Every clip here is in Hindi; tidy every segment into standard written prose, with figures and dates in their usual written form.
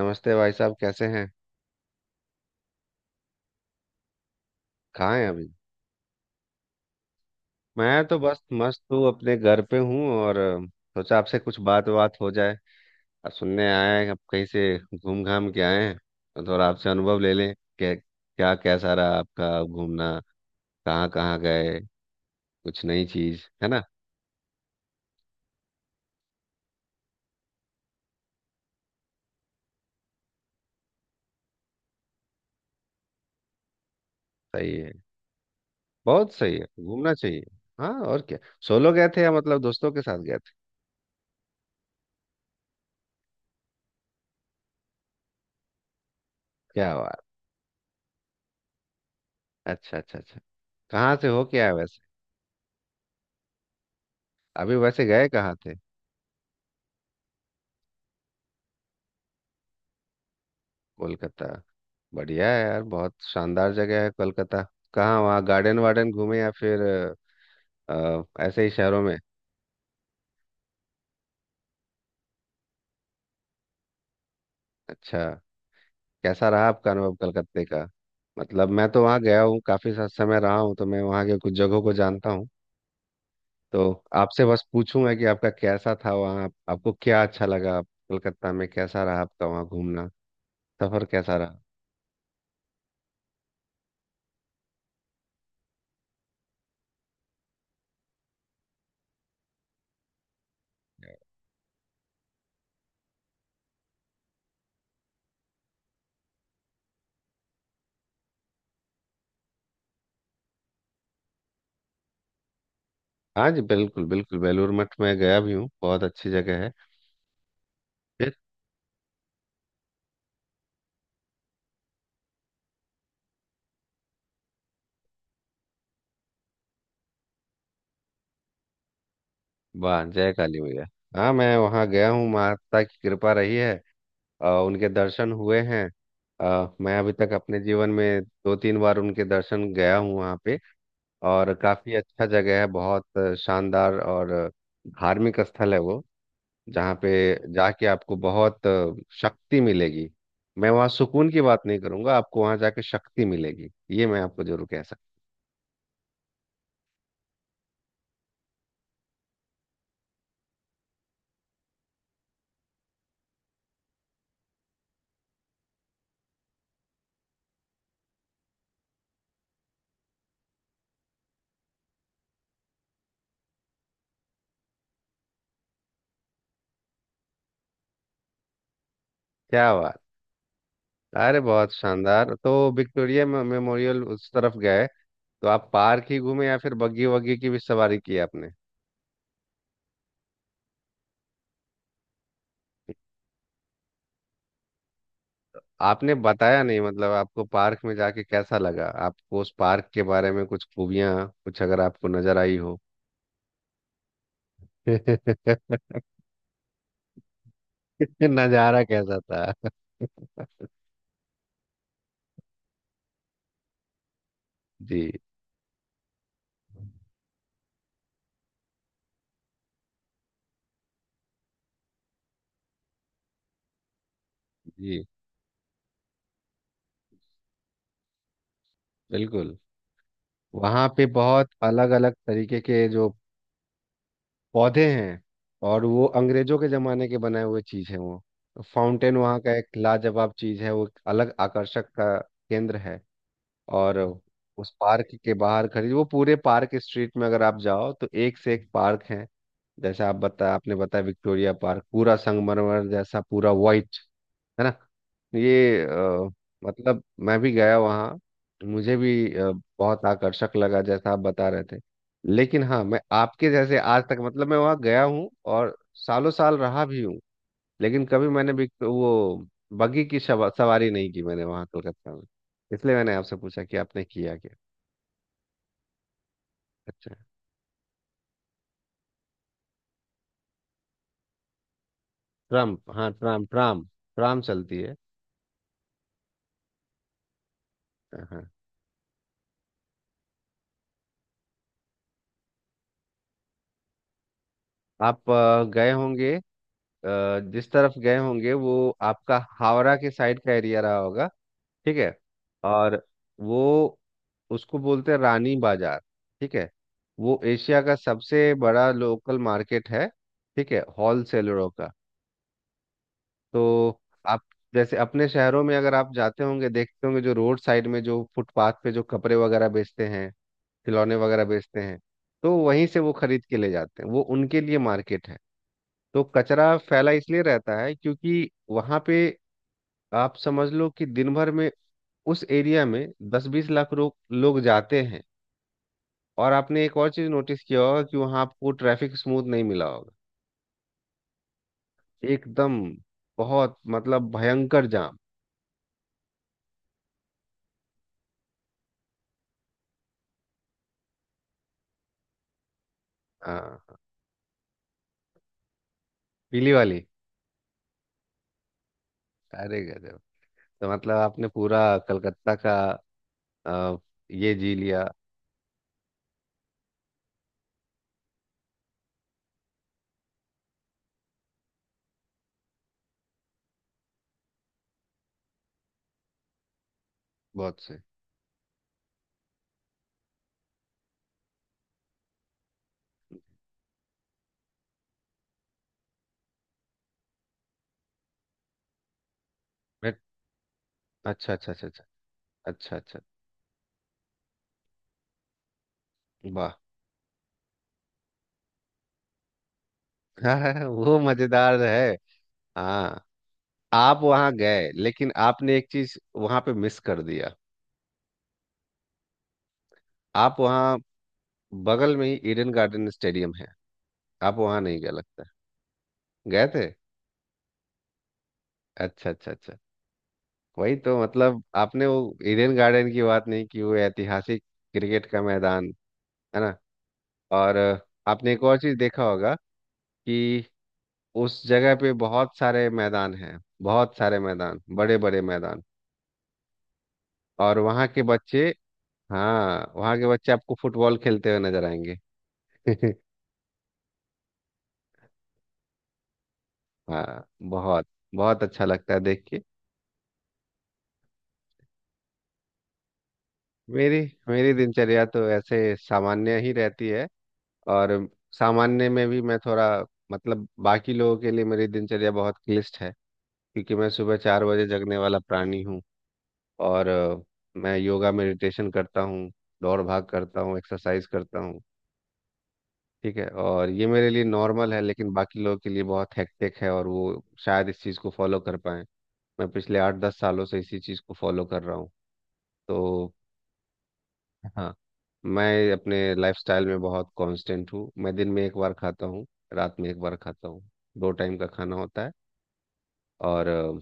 नमस्ते भाई साहब, कैसे हैं? कहाँ हैं अभी? मैं तो बस मस्त हूँ, अपने घर पे हूँ। और सोचा आपसे कुछ बात बात हो जाए। अब सुनने आए हैं, आप कहीं से घूम घाम के आए हैं, तो थोड़ा आपसे अनुभव ले लें कि क्या कैसा रहा आपका घूमना, कहाँ कहाँ गए, कुछ नई चीज है ना। सही है। बहुत सही है, घूमना चाहिए। हाँ, और क्या। सोलो गए थे या मतलब दोस्तों के साथ गए थे? क्या बात। अच्छा, अच्छा, अच्छा। कहाँ से हो क्या वैसे? अभी वैसे गए कहाँ थे? कोलकाता। बढ़िया है यार, बहुत शानदार जगह है कोलकाता। कहाँ वहाँ गार्डन वार्डन घूमे, या फिर ऐसे ही शहरों में? अच्छा। कैसा रहा आपका अनुभव कलकत्ते का? मतलब मैं तो वहाँ गया हूँ, काफी सा समय रहा हूँ, तो मैं वहाँ के कुछ जगहों को जानता हूँ। तो आपसे बस पूछूंगा कि आपका कैसा था वहाँ, आपको क्या अच्छा लगा, कोलकाता में कैसा रहा आपका वहाँ घूमना, सफर कैसा रहा? हाँ जी, बिल्कुल बिल्कुल, बेलूर मठ में गया भी हूँ, बहुत अच्छी जगह है। वाह, जय काली मैया। हाँ, मैं वहाँ गया हूँ, माता की कृपा रही है और उनके दर्शन हुए हैं। मैं अभी तक अपने जीवन में दो तीन बार उनके दर्शन गया हूँ वहाँ पे। और काफ़ी अच्छा जगह है, बहुत शानदार और धार्मिक स्थल है वो। जहाँ पे जाके आपको बहुत शक्ति मिलेगी। मैं वहाँ सुकून की बात नहीं करूँगा, आपको वहाँ जाके शक्ति मिलेगी, ये मैं आपको जरूर कह सकता। क्या बात। अरे बहुत शानदार तो। विक्टोरिया मेमोरियल उस तरफ गए, तो आप पार्क ही घूमे या फिर बग्गी वग्गी की भी सवारी की आपने? आपने बताया नहीं, मतलब आपको पार्क में जाके कैसा लगा, आपको उस पार्क के बारे में कुछ खूबियां कुछ अगर आपको नजर आई हो। नजारा कैसा था? जी जी। बिल्कुल, वहाँ पे बहुत अलग अलग तरीके के जो पौधे हैं, और वो अंग्रेजों के जमाने के बनाए हुए चीज है। वो फाउंटेन वहाँ का एक लाजवाब चीज है, वो एक अलग आकर्षक का केंद्र है। और उस पार्क के बाहर खड़ी वो, पूरे पार्क स्ट्रीट में अगर आप जाओ तो एक से एक पार्क है। जैसे आप बताया आपने बताया, विक्टोरिया पार्क पूरा संगमरमर जैसा, पूरा वाइट, है ना। ये मतलब मैं भी गया वहाँ, मुझे भी बहुत आकर्षक लगा जैसा आप बता रहे थे। लेकिन हाँ, मैं आपके जैसे आज तक, मतलब मैं वहाँ गया हूँ और सालों साल रहा भी हूँ, लेकिन कभी मैंने भी वो बग्गी की सवारी नहीं की मैंने वहाँ कोलकाता में। इसलिए मैंने आपसे पूछा कि आपने किया क्या। अच्छा। ट्राम, हाँ, ट्राम ट्राम। ट्राम चलती है। हाँ हाँ। आप गए होंगे, जिस तरफ गए होंगे वो, आपका हावड़ा के साइड का एरिया रहा होगा। ठीक है। और वो, उसको बोलते हैं रानी बाजार। ठीक है। वो एशिया का सबसे बड़ा लोकल मार्केट है। ठीक है, होलसेलरों का। तो आप, जैसे अपने शहरों में अगर आप जाते होंगे, देखते होंगे जो रोड साइड में, जो फुटपाथ पे जो कपड़े वगैरह बेचते हैं, खिलौने वगैरह बेचते हैं, तो वहीं से वो खरीद के ले जाते हैं, वो उनके लिए मार्केट है। तो कचरा फैला इसलिए रहता है क्योंकि वहां पे आप समझ लो कि दिन भर में उस एरिया में दस बीस लाख लोग लोग जाते हैं। और आपने एक और चीज नोटिस किया होगा कि वहां आपको ट्रैफिक स्मूथ नहीं मिला होगा, एकदम बहुत मतलब भयंकर जाम। हाँ, पीली वाली। अरे गजब। तो मतलब आपने पूरा कलकत्ता का अ, ये जी लिया। बहुत से। मैं। अच्छा अच्छा अच्छा अच्छा, अच्छा अच्छा। वाह। वो मजेदार है। हाँ। आप वहाँ गए लेकिन आपने एक चीज वहाँ पे मिस कर दिया। आप वहाँ, बगल में ही ईडन गार्डन स्टेडियम है, आप वहाँ नहीं गए लगता है। गए थे? अच्छा अच्छा अच्छा। वही तो, मतलब आपने वो ईडन गार्डन की बात नहीं की, वो ऐतिहासिक क्रिकेट का मैदान, है ना। और आपने एक और चीज देखा होगा, कि उस जगह पे बहुत सारे मैदान हैं, बहुत सारे मैदान, बड़े बड़े मैदान। और वहाँ के बच्चे, हाँ, वहाँ के बच्चे आपको फुटबॉल खेलते हुए नजर आएंगे। हाँ, बहुत। बहुत अच्छा लगता है देख के। मेरी मेरी दिनचर्या तो ऐसे सामान्य ही रहती है। और सामान्य में भी मैं थोड़ा, मतलब बाकी लोगों के लिए मेरी दिनचर्या बहुत क्लिष्ट है, क्योंकि मैं सुबह 4 बजे जगने वाला प्राणी हूँ। और मैं योगा मेडिटेशन करता हूँ, दौड़ भाग करता हूँ, एक्सरसाइज करता हूँ। ठीक है, और ये मेरे लिए नॉर्मल है, लेकिन बाकी लोगों के लिए बहुत हेक्टिक है, और वो शायद इस चीज़ को फॉलो कर पाए। मैं पिछले 8-10 सालों से इसी चीज़ को फॉलो कर रहा हूँ तो। हाँ, मैं अपने लाइफस्टाइल में बहुत कांस्टेंट हूँ। मैं दिन में एक बार खाता हूँ, रात में एक बार खाता हूँ, दो टाइम का खाना होता है। और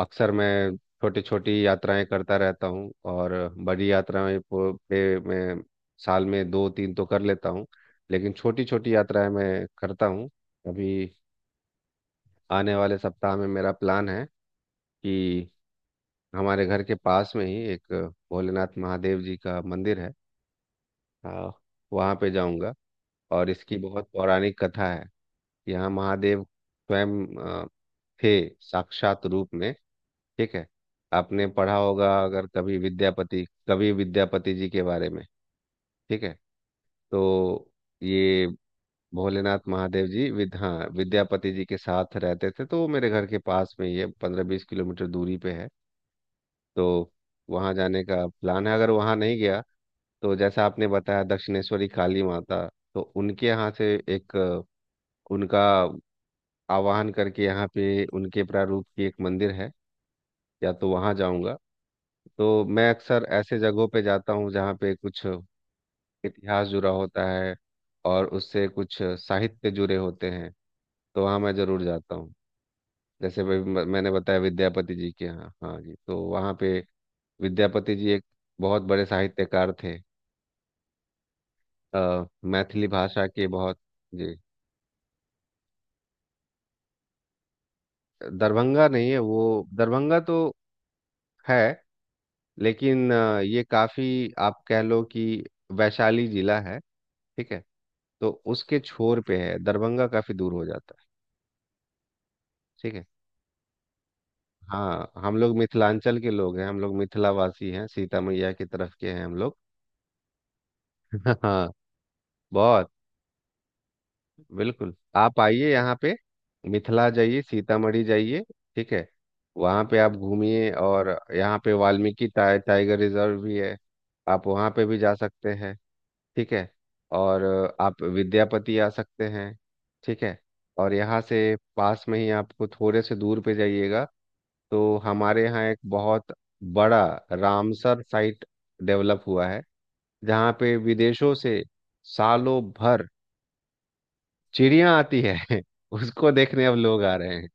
अक्सर मैं छोटी छोटी यात्राएं करता रहता हूँ, और बड़ी यात्राएं पे मैं साल में दो तीन तो कर लेता हूँ, लेकिन छोटी छोटी यात्राएं मैं करता हूँ। अभी आने वाले सप्ताह में मेरा प्लान है कि हमारे घर के पास में ही एक भोलेनाथ महादेव जी का मंदिर है, आ, वहाँ पे जाऊँगा। और इसकी बहुत पौराणिक कथा है, यहाँ महादेव स्वयं थे साक्षात रूप में। ठीक है। आपने पढ़ा होगा अगर कभी विद्यापति कवि विद्यापति जी के बारे में। ठीक है। तो ये भोलेनाथ महादेव जी विद्यापति जी के साथ रहते थे, तो वो मेरे घर के पास में ही है, 15-20 किलोमीटर दूरी पे है। तो वहाँ जाने का प्लान है। अगर वहाँ नहीं गया, तो जैसा आपने बताया दक्षिणेश्वरी काली माता, तो उनके यहाँ से एक उनका आवाहन करके यहाँ पे उनके प्रारूप की एक मंदिर है, या तो वहाँ जाऊँगा। तो मैं अक्सर ऐसे जगहों पे जाता हूँ जहाँ पे कुछ इतिहास जुड़ा होता है और उससे कुछ साहित्य जुड़े होते हैं, तो वहाँ मैं ज़रूर जाता हूँ। जैसे भाई मैंने बताया विद्यापति जी के यहाँ, हाँ जी, तो वहाँ पे विद्यापति जी एक बहुत बड़े साहित्यकार थे, मैथिली भाषा के बहुत। जी, दरभंगा नहीं है वो, दरभंगा तो है, लेकिन ये काफी, आप कह लो कि वैशाली जिला है। ठीक है। तो उसके छोर पे है, दरभंगा काफी दूर हो जाता है। ठीक है। हाँ, हम लोग मिथिलांचल के लोग हैं, हम लोग मिथिलावासी हैं, सीता मैया की तरफ के हैं हम लोग। हाँ, बहुत। बिल्कुल आप आइए यहाँ पे, मिथिला जाइए, सीतामढ़ी जाइए। ठीक है। वहाँ पे आप घूमिए। और यहाँ पे वाल्मीकि टाइगर रिजर्व भी है, आप वहाँ पे भी जा सकते हैं। ठीक है। और आप विद्यापति आ सकते हैं। ठीक है। और यहाँ से पास में ही आपको, थोड़े से दूर पे जाइएगा, तो हमारे यहाँ एक बहुत बड़ा रामसर साइट डेवलप हुआ है, जहाँ पे विदेशों से सालों भर चिड़िया आती है। उसको देखने अब लोग आ रहे हैं।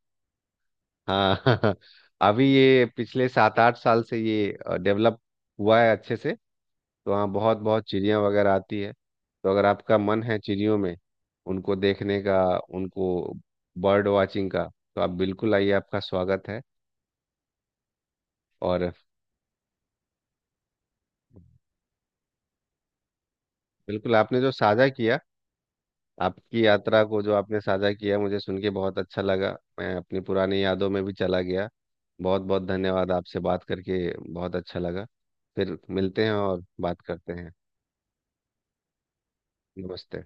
हाँ। अभी ये पिछले 7-8 साल से ये डेवलप हुआ है अच्छे से, तो हाँ बहुत बहुत चिड़िया वगैरह आती है। तो अगर आपका मन है चिड़ियों में, उनको देखने का, उनको बर्ड वाचिंग का, तो आप बिल्कुल आइए, आपका स्वागत है। और बिल्कुल, आपने जो साझा किया, आपकी यात्रा को जो आपने साझा किया, मुझे सुन के बहुत अच्छा लगा। मैं अपनी पुरानी यादों में भी चला गया। बहुत बहुत धन्यवाद आपसे बात करके, बहुत अच्छा लगा। फिर मिलते हैं और बात करते हैं। नमस्ते।